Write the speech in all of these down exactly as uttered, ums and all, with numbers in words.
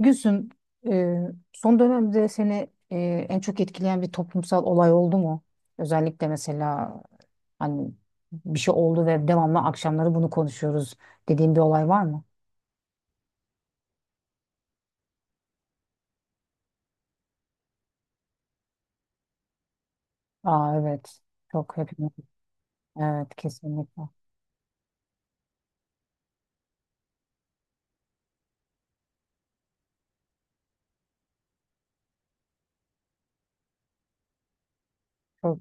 Gülsüm, e, son dönemde seni e, en çok etkileyen bir toplumsal olay oldu mu? Özellikle mesela hani bir şey oldu ve devamlı akşamları bunu konuşuyoruz dediğin bir olay var mı? Aa evet. Çok hepimiz. Evet kesinlikle. Çok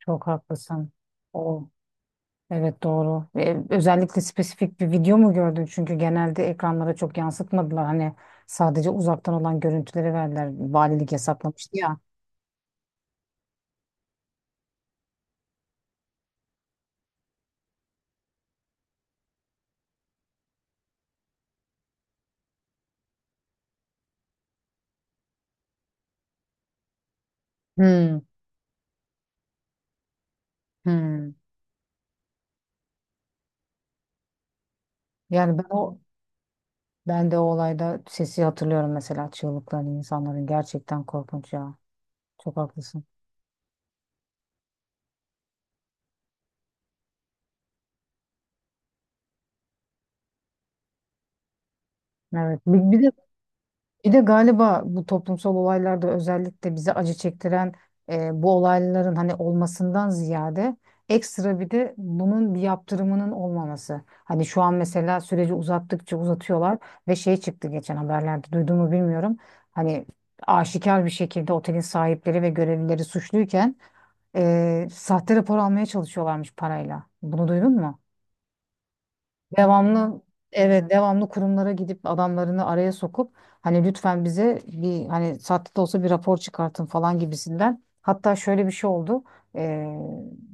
çok haklısın. O evet doğru. Ve özellikle spesifik bir video mu gördün? Çünkü genelde ekranlara çok yansıtmadılar. Hani sadece uzaktan olan görüntüleri verdiler. Valilik yasaklamıştı ya. Hmm, hmm. Yani ben o Ben de o olayda sesi hatırlıyorum mesela çığlıkları insanların gerçekten korkunç ya. Çok haklısın. Evet. Bir, bir de bir de galiba bu toplumsal olaylarda özellikle bize acı çektiren e, bu olayların hani olmasından ziyade ekstra bir de bunun bir yaptırımının olmaması. Hani şu an mesela süreci uzattıkça uzatıyorlar ve şey çıktı geçen haberlerde duyduğumu bilmiyorum. Hani aşikar bir şekilde otelin sahipleri ve görevlileri suçluyken e, sahte rapor almaya çalışıyorlarmış parayla. Bunu duydun mu? Devamlı evet devamlı kurumlara gidip adamlarını araya sokup hani lütfen bize bir hani sahte de olsa bir rapor çıkartın falan gibisinden. Hatta şöyle bir şey oldu. E,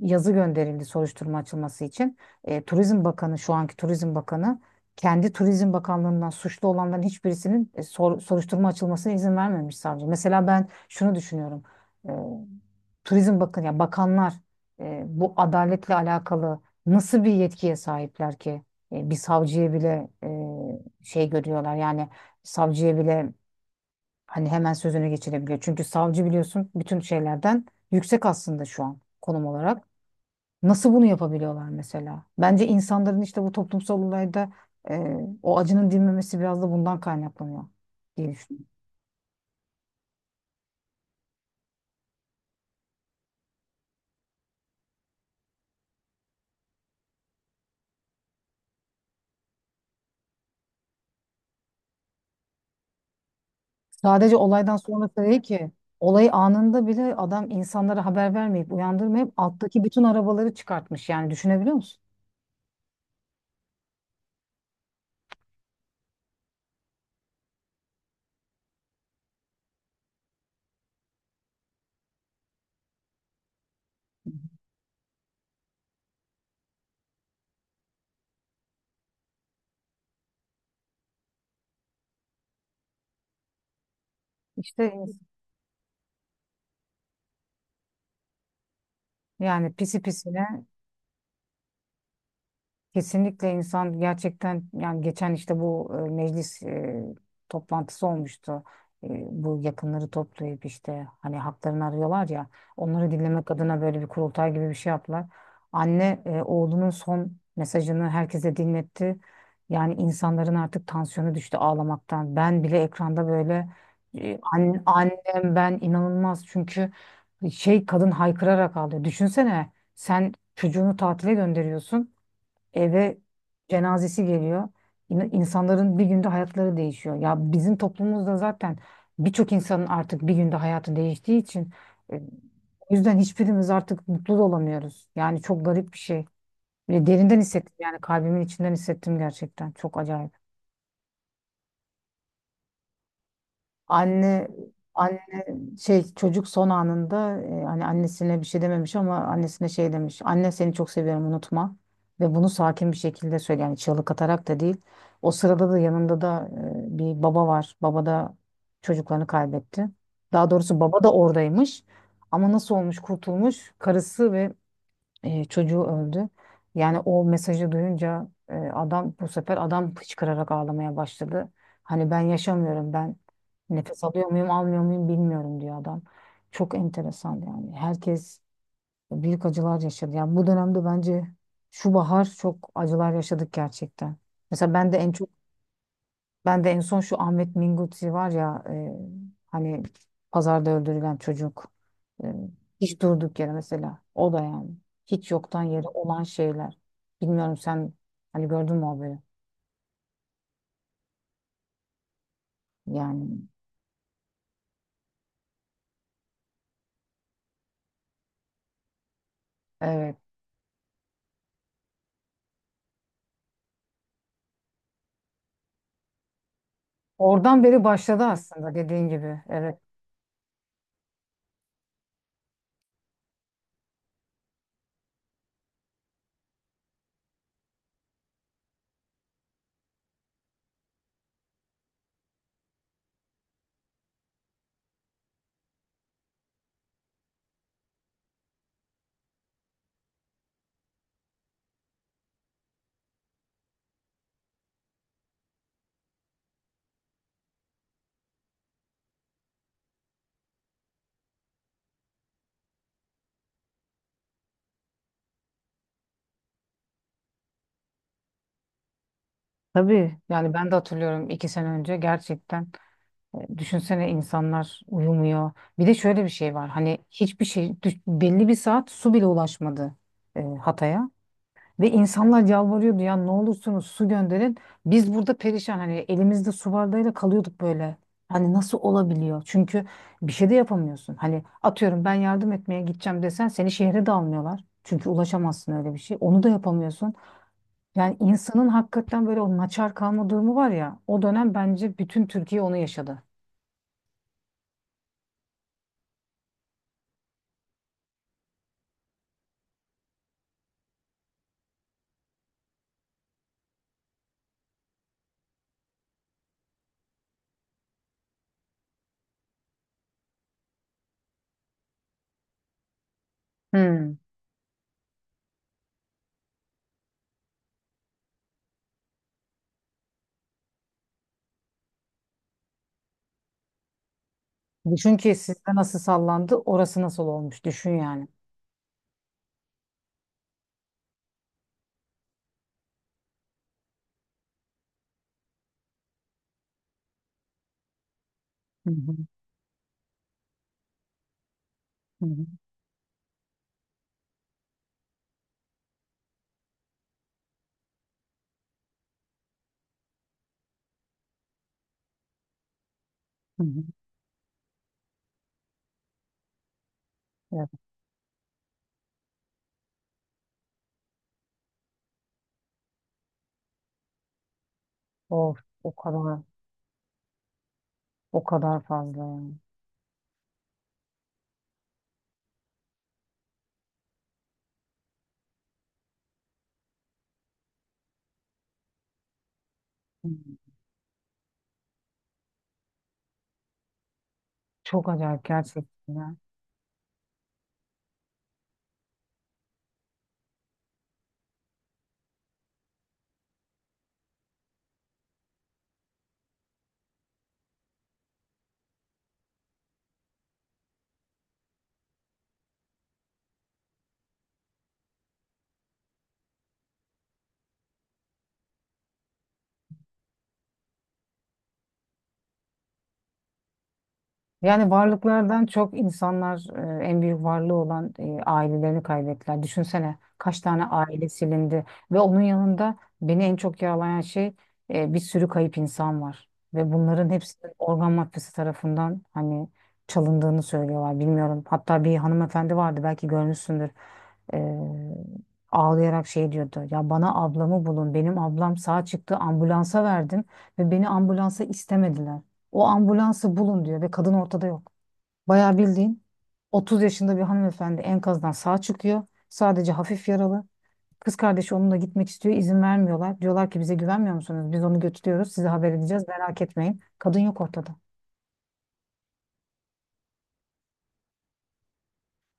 yazı gönderildi soruşturma açılması için. E, Turizm Bakanı şu anki Turizm Bakanı kendi Turizm Bakanlığından suçlu olanların hiçbirisinin e, sor- soruşturma açılmasına izin vermemiş savcı. Mesela ben şunu düşünüyorum. Turizm bakın ya bakanlar e, bu adaletle alakalı nasıl bir yetkiye sahipler ki. E, bir savcıya bile e, şey görüyorlar yani savcıya bile hani hemen sözünü geçirebiliyor. Çünkü savcı biliyorsun bütün şeylerden yüksek aslında şu an konum olarak. Nasıl bunu yapabiliyorlar mesela? Bence insanların işte bu toplumsal olayda e, o acının dinmemesi biraz da bundan kaynaklanıyor diye düşünüyorum. Sadece olaydan sonra değil ki. Olayı anında bile adam insanlara haber vermeyip uyandırmayıp alttaki bütün arabaları çıkartmış. Yani düşünebiliyor musun? İşte yani pisi pisine kesinlikle insan gerçekten yani geçen işte bu e, meclis e, toplantısı olmuştu. E, bu yakınları toplayıp işte hani haklarını arıyorlar ya onları dinlemek adına böyle bir kurultay gibi bir şey yaptılar. Anne e, oğlunun son mesajını herkese dinletti. Yani insanların artık tansiyonu düştü ağlamaktan. Ben bile ekranda böyle e, an- annem ben inanılmaz çünkü şey kadın haykırarak ağlıyor. Düşünsene sen çocuğunu tatile gönderiyorsun eve cenazesi geliyor. İn- İnsanların bir günde hayatları değişiyor. Ya bizim toplumumuzda zaten birçok insanın artık bir günde hayatı değiştiği için e, o yüzden hiçbirimiz artık mutlu da olamıyoruz. Yani çok garip bir şey. Ve derinden hissettim yani kalbimin içinden hissettim gerçekten. Çok acayip. Anne şey çocuk son anında e, hani annesine bir şey dememiş ama annesine şey demiş. Anne seni çok seviyorum unutma. Ve bunu sakin bir şekilde söyle yani çığlık atarak da değil. O sırada da yanında da e, bir baba var. Baba da çocuklarını kaybetti. Daha doğrusu baba da oradaymış. Ama nasıl olmuş kurtulmuş? Karısı ve e, çocuğu öldü. Yani o mesajı duyunca e, adam bu sefer adam hıçkırarak ağlamaya başladı. Hani ben yaşamıyorum ben nefes alıyor muyum almıyor muyum bilmiyorum diyor adam. Çok enteresan yani herkes büyük acılar yaşadı. Yani bu dönemde bence şu bahar çok acılar yaşadık gerçekten. Mesela ben de en çok ben de en son şu Ahmet Minguzzi var ya, e, hani pazarda öldürülen çocuk. E, Hiç durduk yere mesela. O da yani. Hiç yoktan yere olan şeyler. Bilmiyorum sen hani gördün mü o haberi? Yani evet. Oradan beri başladı aslında dediğin gibi. Evet. Tabii yani ben de hatırlıyorum iki sene önce gerçekten e, düşünsene insanlar uyumuyor. Bir de şöyle bir şey var hani hiçbir şey düş- belli bir saat su bile ulaşmadı e, Hatay'a. Ve insanlar yalvarıyordu ya ne olursunuz su gönderin. Biz burada perişan hani elimizde su bardağıyla kalıyorduk böyle. Hani nasıl olabiliyor? Çünkü bir şey de yapamıyorsun. Hani atıyorum ben yardım etmeye gideceğim desen seni şehre de almıyorlar. Çünkü ulaşamazsın öyle bir şey. Onu da yapamıyorsun. Yani insanın hakikaten böyle o naçar kalma durumu var ya. O dönem bence bütün Türkiye onu yaşadı. Hmm. Düşün ki sizde nasıl sallandı, orası nasıl olmuş. Düşün yani. Hı hı, hı hı, hı hı. Evet. Of, o kadar. O kadar fazla yani. Hı. Çok acayip gerçekten ya. Yani varlıklardan çok insanlar e, en büyük varlığı olan e, ailelerini kaybettiler. Düşünsene kaç tane aile silindi ve onun yanında beni en çok yaralayan şey e, bir sürü kayıp insan var ve bunların hepsi organ mafyası tarafından hani çalındığını söylüyorlar. Bilmiyorum. Hatta bir hanımefendi vardı belki görmüşsündür. E, ağlayarak şey diyordu. Ya bana ablamı bulun. Benim ablam sağ çıktı ambulansa verdim ve beni ambulansa istemediler. O ambulansı bulun diyor ve kadın ortada yok. Bayağı bildiğin otuz yaşında bir hanımefendi enkazdan sağ çıkıyor. Sadece hafif yaralı. Kız kardeşi onunla gitmek istiyor. İzin vermiyorlar. Diyorlar ki bize güvenmiyor musunuz? Biz onu götürüyoruz. Size haber edeceğiz. Merak etmeyin. Kadın yok ortada.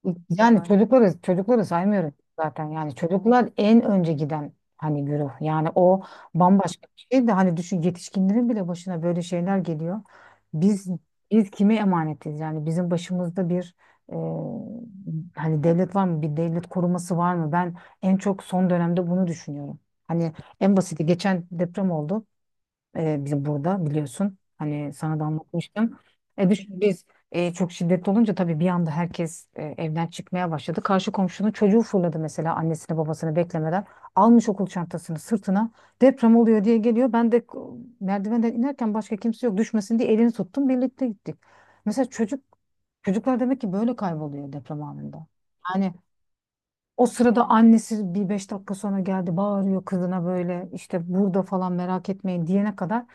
Yani Yani. çocukları çocukları saymıyorum zaten. Yani çocuklar en önce giden hani güruh. Yani o bambaşka bir şey de hani düşün yetişkinlerin bile başına böyle şeyler geliyor. Biz biz kime emanetiz? Yani bizim başımızda bir e, hani devlet var mı? Bir devlet koruması var mı? Ben en çok son dönemde bunu düşünüyorum. Hani en basiti geçen deprem oldu. E, bizim burada biliyorsun. Hani sana da anlatmıştım. E, düşün biz e, çok şiddetli olunca tabii bir anda herkes e, evden çıkmaya başladı. Karşı komşunun çocuğu fırladı mesela annesini babasını beklemeden. Almış okul çantasını sırtına. Deprem oluyor diye geliyor. Ben de e, merdivenden inerken başka kimse yok düşmesin diye elini tuttum. Birlikte gittik. Mesela çocuk çocuklar demek ki böyle kayboluyor deprem anında. Yani o sırada annesi bir beş dakika sonra geldi bağırıyor kızına böyle işte burada falan merak etmeyin diyene kadar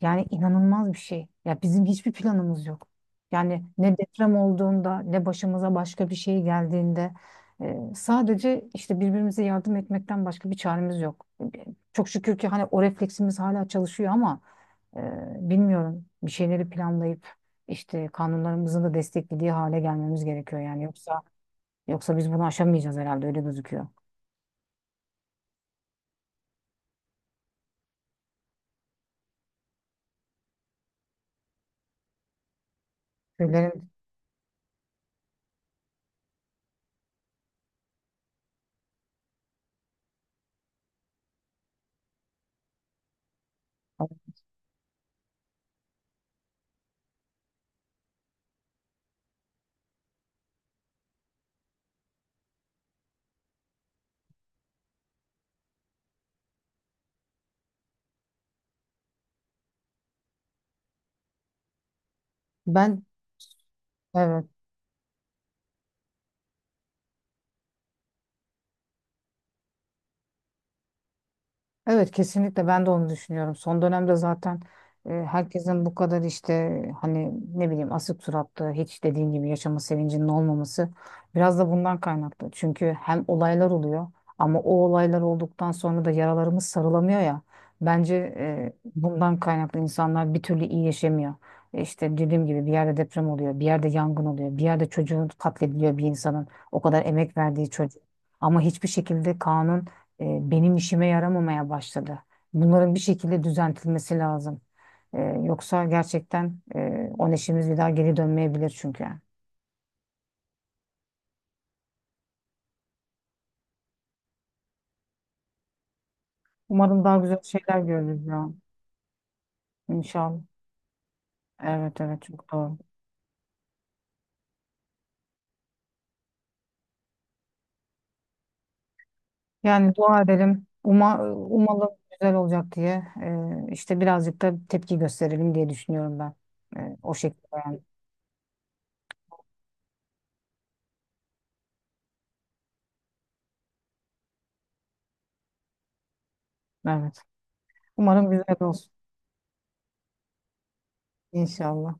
yani inanılmaz bir şey. Ya bizim hiçbir planımız yok. Yani ne deprem olduğunda ne başımıza başka bir şey geldiğinde e, sadece işte birbirimize yardım etmekten başka bir çaremiz yok. E, Çok şükür ki hani o refleksimiz hala çalışıyor ama e, bilmiyorum bir şeyleri planlayıp işte kanunlarımızın da desteklediği hale gelmemiz gerekiyor yani yoksa yoksa biz bunu aşamayacağız herhalde öyle gözüküyor. Tüylerim- Ben evet Evet kesinlikle ben de onu düşünüyorum. Son dönemde zaten e, herkesin bu kadar işte hani ne bileyim asık suratlı hiç dediğin gibi yaşama sevincinin olmaması biraz da bundan kaynaklı. Çünkü hem olaylar oluyor ama o olaylar olduktan sonra da yaralarımız sarılamıyor ya. Bence e, bundan kaynaklı insanlar bir türlü iyileşemiyor. E, İşte dediğim gibi bir yerde deprem oluyor, bir yerde yangın oluyor, bir yerde çocuğun katlediliyor bir insanın o kadar emek verdiği çocuğu. Ama hiçbir şekilde kanun e, benim işime yaramamaya başladı. Bunların bir şekilde düzeltilmesi lazım. E, yoksa gerçekten e, o neşemiz bir daha geri dönmeyebilir çünkü. Umarım daha güzel şeyler görürüz ya. İnşallah. Evet evet çok doğru. Yani dua edelim. Uma, umalım güzel olacak diye. E, işte birazcık da tepki gösterelim diye düşünüyorum ben. E, o şekilde yani. Evet. Umarım güzel olsun. İnşallah.